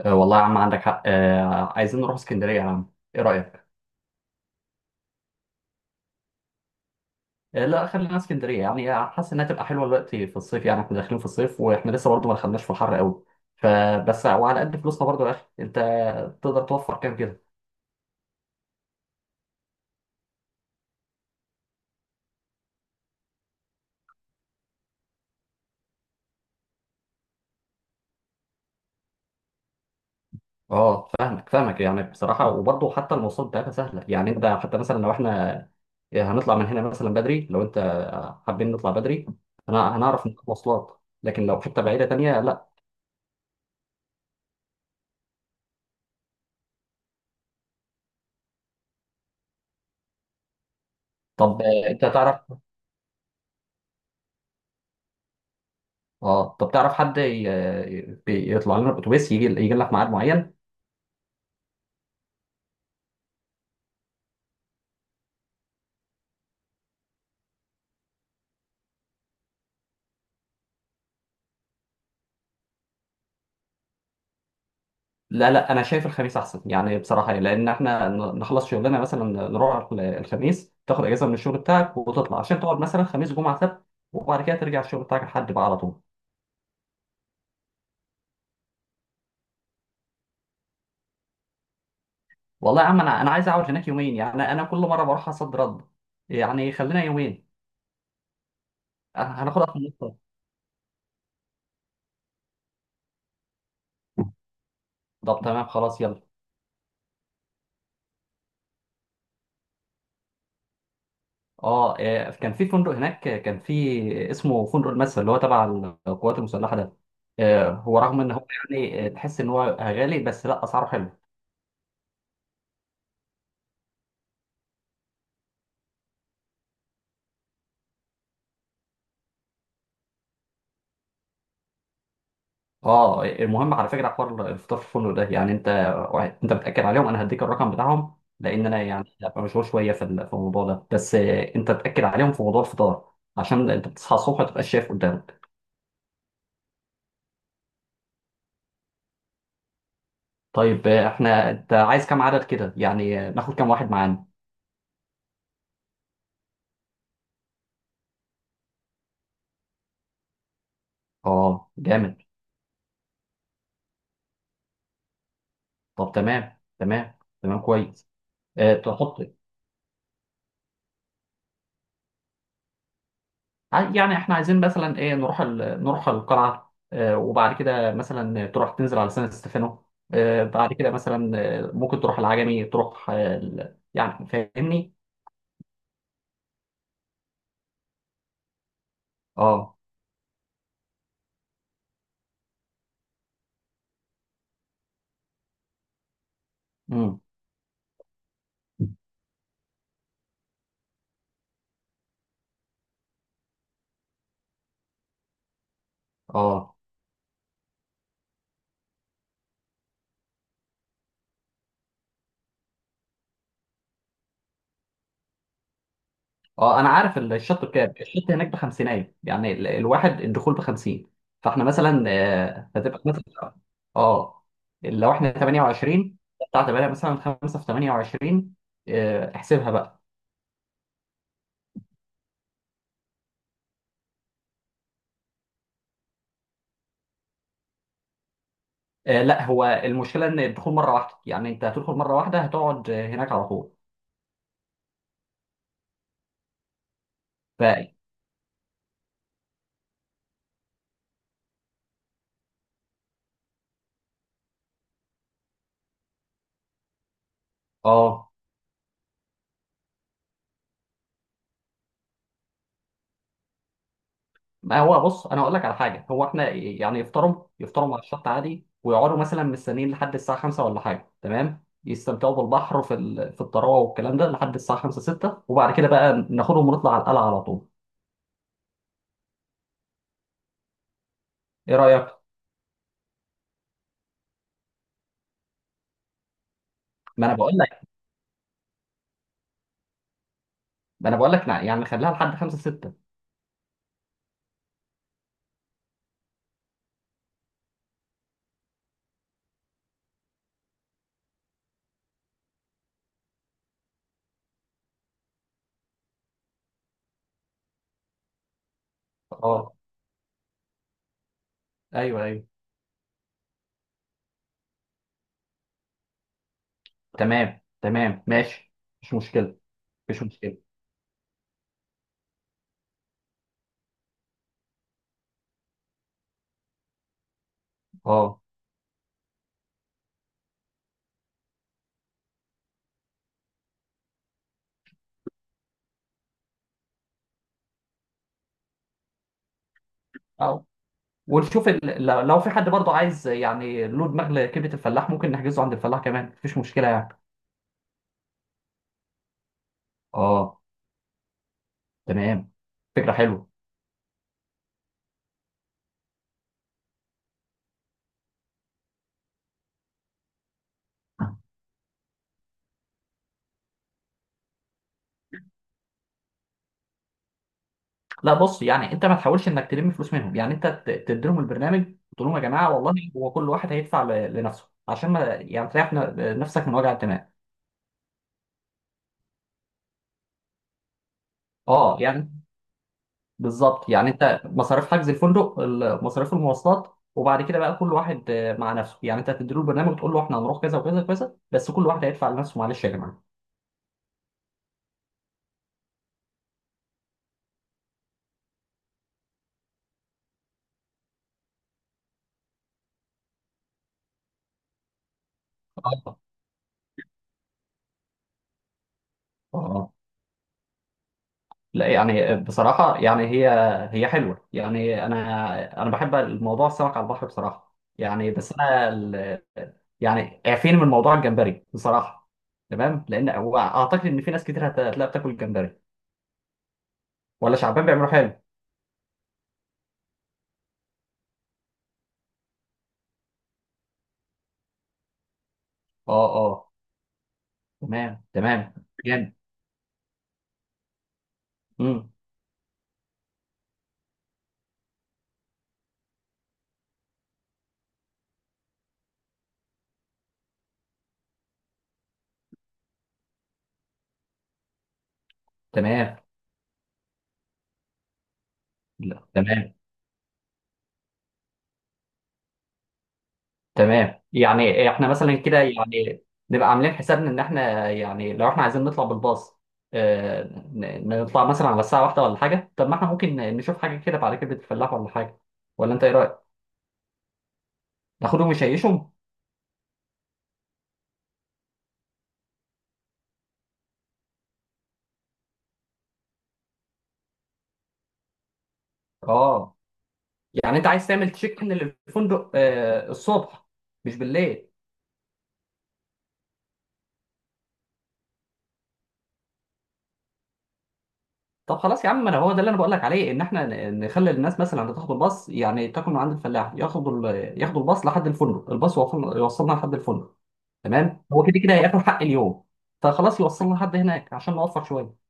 آه، والله يا عم عندك حق، عايزين نروح اسكندريه يا عم، ايه رايك؟ آه، لا خلينا اسكندريه، يعني حاسس انها تبقى حلوه الوقت في الصيف. يعني احنا داخلين في الصيف واحنا لسه برضه ما دخلناش في الحر قوي. فبس وعلى قد فلوسنا برضه يا اخي انت، تقدر توفر كام كده؟ اه فاهمك فاهمك، يعني بصراحه وبرضه حتى المواصلات بتاعتها سهله. يعني انت حتى مثلا لو احنا هنطلع من هنا مثلا بدري، لو انت حابين نطلع بدري، هنعرف نجيب مواصلات، لكن لو حته بعيده تانيه، لا. طب انت تعرف. اه طب تعرف حد يطلع لنا الاتوبيس، يجي لك ميعاد معين؟ لا، لا، انا شايف الخميس احسن يعني، بصراحه يعني، لان احنا نخلص شغلنا مثلا، نروح الخميس، تاخد اجازه من الشغل بتاعك وتطلع عشان تقعد مثلا خميس جمعه سبت، وبعد كده ترجع الشغل بتاعك لحد بقى على طول. والله يا عم، انا عايز اقعد هناك يومين. يعني انا كل مره بروح اصد رد، يعني خلينا يومين. أه، هناخدها في النص. طب تمام، خلاص يلا. اه، كان في فندق هناك، كان في اسمه فندق المدفع اللي هو تبع القوات المسلحه ده. هو رغم ان هو يعني تحس ان هو غالي، بس لا، اسعاره حلو. اه، المهم على فكره حوار الفطار في الفندق ده، يعني انت، انت بتاكد عليهم. انا هديك الرقم بتاعهم، لان انا يعني هبقى مشغول شويه في في الموضوع ده، بس انت تاكد عليهم في موضوع الفطار عشان انت بتصحى الصبح ما تبقاش شايف قدامك. طيب احنا انت عايز كام عدد كده يعني، ناخد كام واحد معانا؟ اه، جامد. طب تمام تمام تمام، كويس. تحط يعني احنا عايزين مثلا ايه، نروح نروح القلعه، وبعد كده مثلا تروح تنزل على سان ستيفانو، بعد كده مثلا، ممكن تروح العجمي، تروح يعني فاهمني. اه. امم. اه. اه، انا عارف الشط بكام، الشط هناك بخمسينايه يعني، الواحد الدخول بخمسين. فاحنا مثلا هتبقى مثلا، اه، لو احنا 28، بتاع 8 مثلا، 5 في 28، احسبها بقى. آه، لا، هو المشكله ان الدخول مره واحده، يعني انت هتدخل مره واحده، هتقعد هناك على طول. ف اه، ما هو بص، انا اقول لك على حاجه. هو احنا يعني يفطروا مع الشط عادي، ويقعدوا مثلا مستنيين لحد الساعه 5 ولا حاجه تمام، يستمتعوا بالبحر في في الطراوه والكلام ده لحد الساعه 5، 6، وبعد كده بقى ناخدهم ونطلع على القلعه على طول. ايه رايك؟ ما انا بقول لك ما انا بقول لك، يعني نخليها لحد 5، 6. اه. ايوه ايوه، تمام تمام، ماشي. مش مشكله، مش مشكله. اه، ونشوف لو في حد برضه عايز يعني له دماغ لكبده الفلاح، ممكن نحجزه عند الفلاح كمان، مفيش مشكله يعني. اه، تمام، فكره حلوه. لا بص، يعني انت ما تحاولش انك تلم فلوس منهم. يعني انت تديلهم البرنامج، تقول لهم يا جماعه والله هو كل واحد هيدفع لنفسه عشان ما يعني تريح نفسك من وجع الدماغ. اه يعني بالظبط يعني، انت مصاريف حجز الفندق، مصاريف المواصلات، وبعد كده بقى كل واحد مع نفسه، يعني انت هتديله البرنامج وتقول له احنا هنروح كذا وكذا وكذا، بس كل واحد هيدفع لنفسه، معلش يا جماعه. اه. اه. آه. لا، يعني بصراحة، يعني هي حلوة، يعني أنا بحب الموضوع السمك على البحر بصراحة، يعني بس أنا يعني اعفيني من موضوع الجمبري بصراحة. تمام، لأن هو أعتقد إن في ناس كتير هتلاقي بتاكل جمبري، ولا شعبان بيعملوه حلو. أه، أه، تمام تمام، جامد. امم. تمام. لا، تمام تمام، يعني احنا مثلا كده يعني، نبقى عاملين حسابنا ان احنا، يعني لو احنا عايزين نطلع بالباص، آه، نطلع مثلا على الساعة واحدة ولا حاجة. طب ما احنا ممكن نشوف حاجة كده بعد كده الفلاح ولا حاجة. ولا انت ايه رأيك؟ ناخدهم نشيشهم؟ اه، يعني انت عايز تعمل تشيك ان للفندق الصبح، مش بالليل؟ طب خلاص يا عم، ما انا هو ده اللي انا بقول لك عليه، ان احنا نخلي الناس مثلا اللي تاخد الباص يعني تاكل من عند الفلاح، ياخدوا ياخدوا الباص لحد الفندق، الباص يوصلنا لحد الفندق. تمام، هو كده كده هياكل حق اليوم، فخلاص يوصلنا لحد هناك عشان نوفر شويه.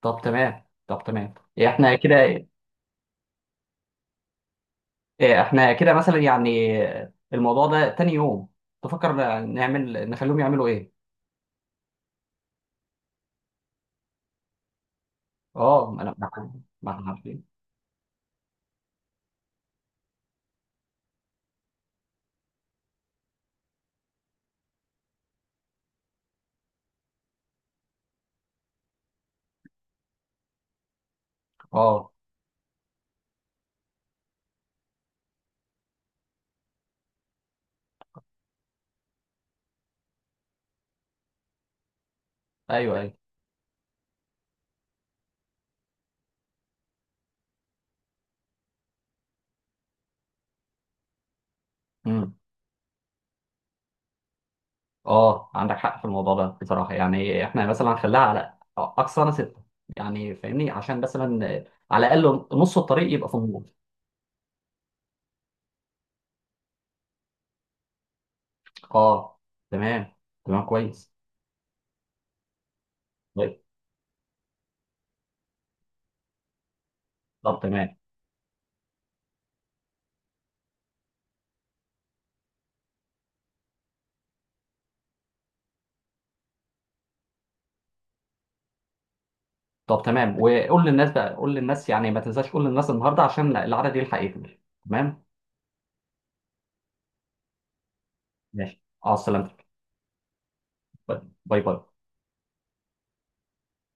طب تمام، طب تمام، إيه، احنا كده. إيه، احنا كده مثلا يعني، الموضوع ده تاني يوم، تفكر، نعمل نخليهم يعملوا ايه. اه، ما احنا عارفين. اه، ايوه ايوه. امم. اه، عندك حق في الموضوع ده بصراحه، يعني احنا مثلا هنخليها على اقصانا سته، يعني فاهمني، عشان مثلا على الاقل نص الطريق يبقى في النور. اه، تمام تمام، كويس. طيب. طب تمام، طب تمام، وقول للناس بقى، قول للناس يعني ما تنساش، قول للناس النهارده عشان العدد يلحق يكمل. تمام، ماشي. اه، سلامتك. باي باي.